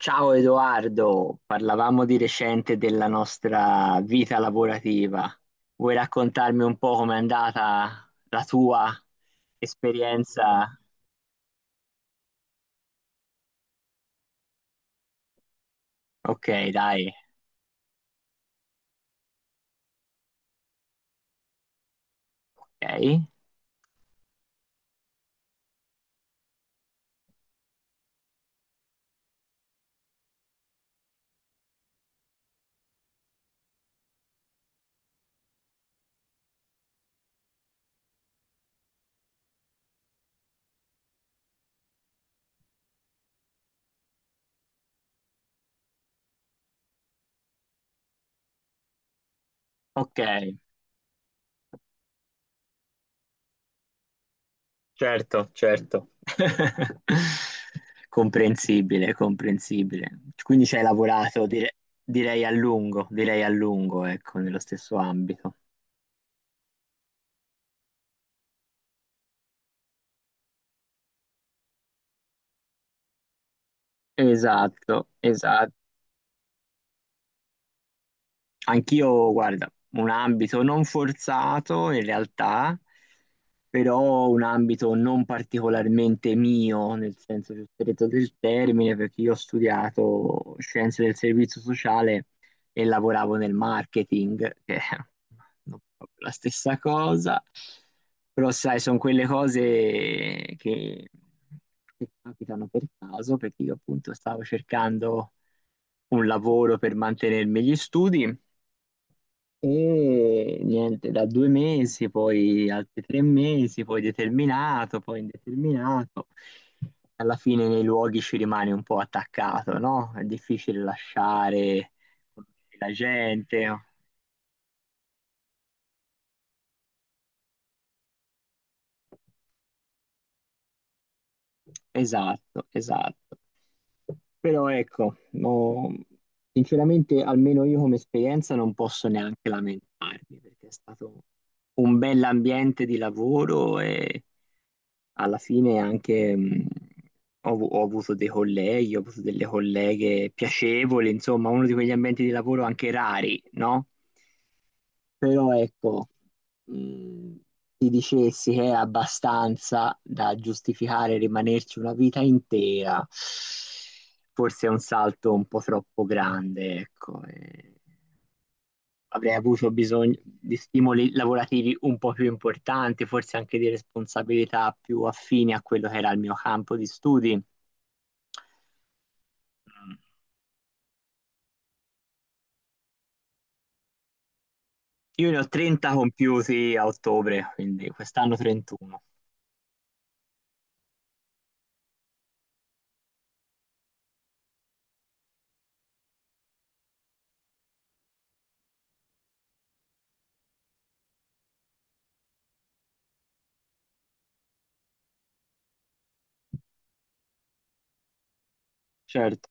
Ciao Edoardo, parlavamo di recente della nostra vita lavorativa. Vuoi raccontarmi un po' com'è andata la tua esperienza? Ok, dai, ok, ok, certo, certo. Comprensibile, comprensibile. Quindi ci hai lavorato direi a lungo, ecco, nello stesso ambito. Esatto, esatto. Anch'io, guarda, un ambito non forzato in realtà, però un ambito non particolarmente mio, nel senso più stretto del termine, perché io ho studiato scienze del servizio sociale e lavoravo nel marketing, che è non proprio la stessa cosa, però sai, sono quelle cose che, che capitano per caso, perché io appunto stavo cercando un lavoro per mantenermi gli studi. E niente, da due mesi, poi altri tre mesi, poi determinato, poi indeterminato. Alla fine nei luoghi ci rimani un po' attaccato, no? È difficile lasciare la gente. Esatto, esatto. Però ecco, no, sinceramente almeno io come esperienza non posso neanche lamentarmi perché è stato un bell'ambiente di lavoro e alla fine anche ho avuto dei colleghi, ho avuto delle colleghe piacevoli, insomma, uno di quegli ambienti di lavoro anche rari, no? Però ecco, mh, ti dicessi che è abbastanza da giustificare rimanerci una vita intera, forse è un salto un po' troppo grande, ecco. Avrei avuto bisogno di stimoli lavorativi un po' più importanti, forse anche di responsabilità più affini a quello che era il mio campo di studi. Io ne ho 30 compiuti a ottobre, quindi quest'anno 31. Certo,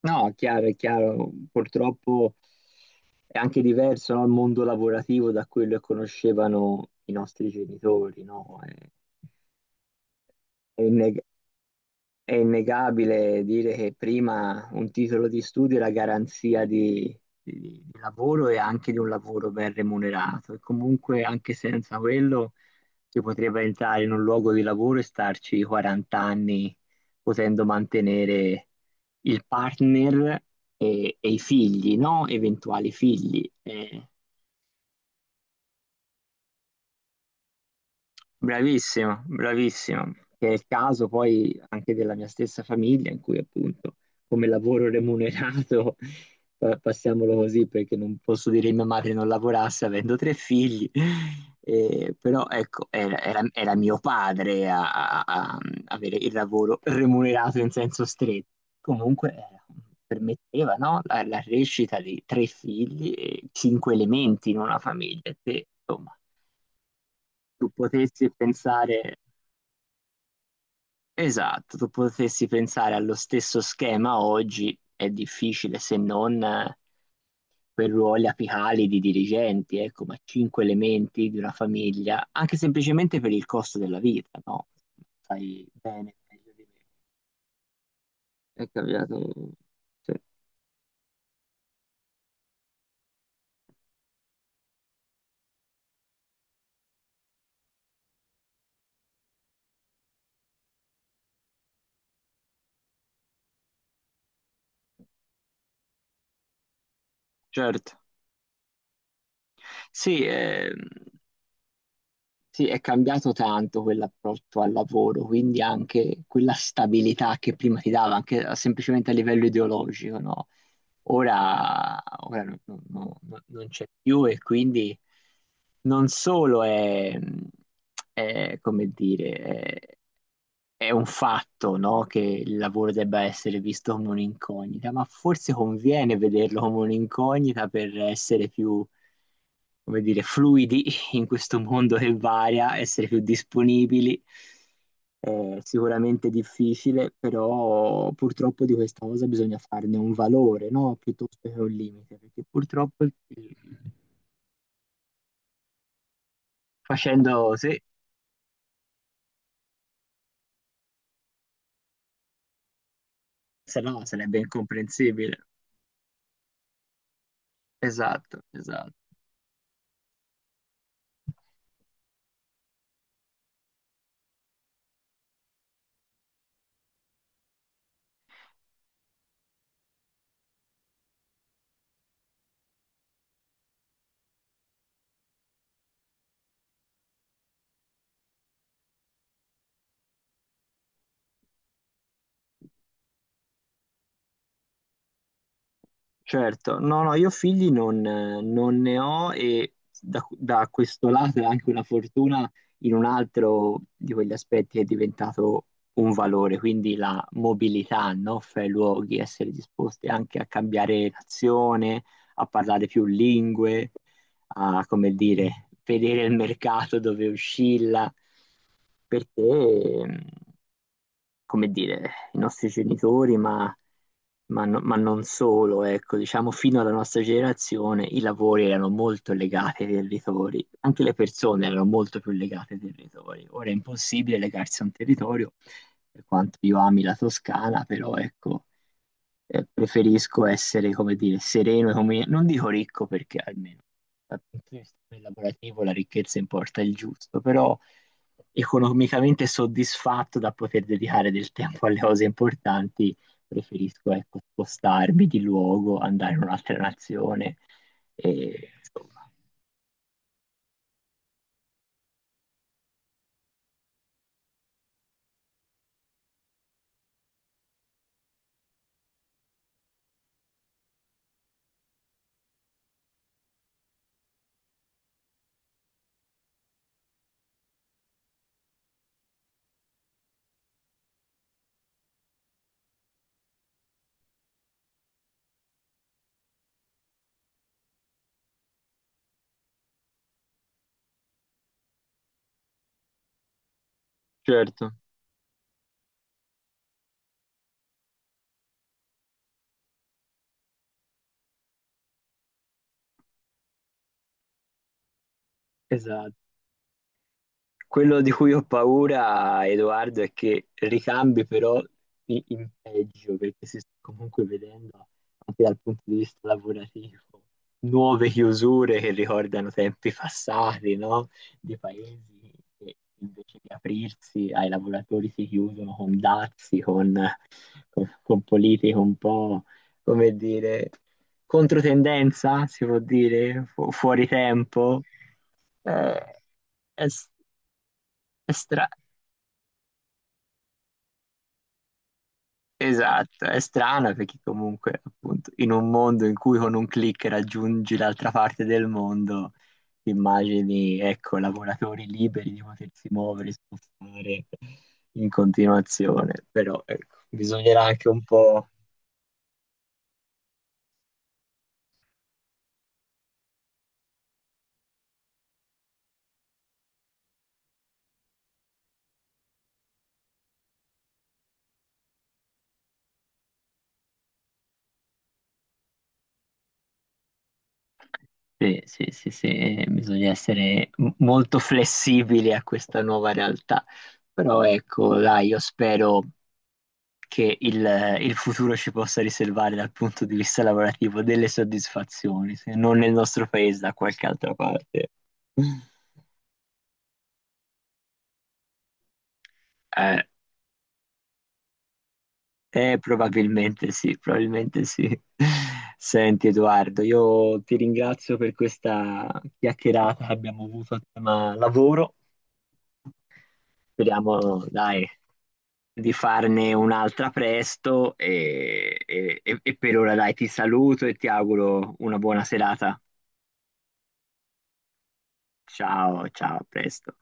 no, è chiaro, purtroppo è anche diverso, no, il mondo lavorativo da quello che conoscevano i nostri genitori, no? È inne- È innegabile dire che prima un titolo di studio era garanzia di, di lavoro e anche di un lavoro ben remunerato. E comunque, anche senza quello, si potrebbe entrare in un luogo di lavoro e starci 40 anni potendo mantenere il partner e i figli, no? Eventuali figli. Bravissimo, bravissimo, che è il caso poi anche della mia stessa famiglia, in cui appunto come lavoro remunerato, passiamolo così perché non posso dire che mia madre non lavorasse avendo tre figli. Però ecco, era mio padre a, a avere il lavoro remunerato in senso stretto. Comunque permetteva, no, la crescita di tre figli e cinque elementi in una famiglia, se insomma tu potessi pensare, esatto, tu potessi pensare allo stesso schema oggi è difficile se non per ruoli apicali di dirigenti, ecco, ma cinque elementi di una famiglia, anche semplicemente per il costo della vita, no? Sai bene, meglio di me. È cambiato. Sì, certo. Sì, sì, è cambiato tanto quell'approccio al lavoro, quindi anche quella stabilità che prima ti dava, anche semplicemente a livello ideologico, no? Ora, non c'è più e quindi non solo come dire, è, è un fatto, no? Che il lavoro debba essere visto come un'incognita, ma forse conviene vederlo come un'incognita per essere più come dire, fluidi in questo mondo che varia, essere più disponibili. È sicuramente difficile, però purtroppo di questa cosa bisogna farne un valore, no? Piuttosto che un limite, perché purtroppo facendo sì, se sarà sarebbe incomprensibile. Esatto, esatto. Certo, no, no, io figli non ne ho e da questo lato è anche una fortuna in un altro di quegli aspetti che è diventato un valore, quindi la mobilità, no? Fra i luoghi, essere disposti anche a cambiare nazione, a parlare più lingue, a, come dire, vedere il mercato dove oscilla, perché, come dire, i nostri genitori, ma, ma non solo, ecco, diciamo fino alla nostra generazione i lavori erano molto legati ai territori, anche le persone erano molto più legate ai territori. Ora è impossibile legarsi a un territorio, per quanto io ami la Toscana, però ecco preferisco essere, come dire, sereno, e non dico ricco perché almeno dal punto di vista lavorativo la ricchezza importa il giusto, però economicamente soddisfatto da poter dedicare del tempo alle cose importanti, preferisco ecco, spostarmi di luogo, andare in un'altra nazione. E, insomma, certo, esatto. Quello di cui ho paura, Edoardo, è che ricambi però in peggio, perché si sta comunque vedendo anche dal punto di vista lavorativo nuove chiusure che ricordano tempi passati, no? Di paesi che invece di aprirsi ai lavoratori si chiudono con dazi, con, con politiche un po', come dire, controtendenza, si può dire, fuori tempo. Eh, è, s- è stra- Esatto, è strana perché comunque appunto in un mondo in cui con un click raggiungi l'altra parte del mondo, immagini, ecco, lavoratori liberi di potersi muovere, spostare in continuazione, però ecco, bisognerà anche un po'... Sì, sì, sì, sì, bisogna essere molto flessibili a questa nuova realtà, però ecco, dai, io spero che il futuro ci possa riservare dal punto di vista lavorativo delle soddisfazioni, se non nel nostro paese, da qualche altra parte. Eh, Probabilmente sì, probabilmente sì. Senti Edoardo, io ti ringrazio per questa chiacchierata che abbiamo avuto a tema lavoro. Speriamo, dai, di farne un'altra presto e per ora, dai, ti saluto e ti auguro una buona serata. Ciao, ciao, a presto.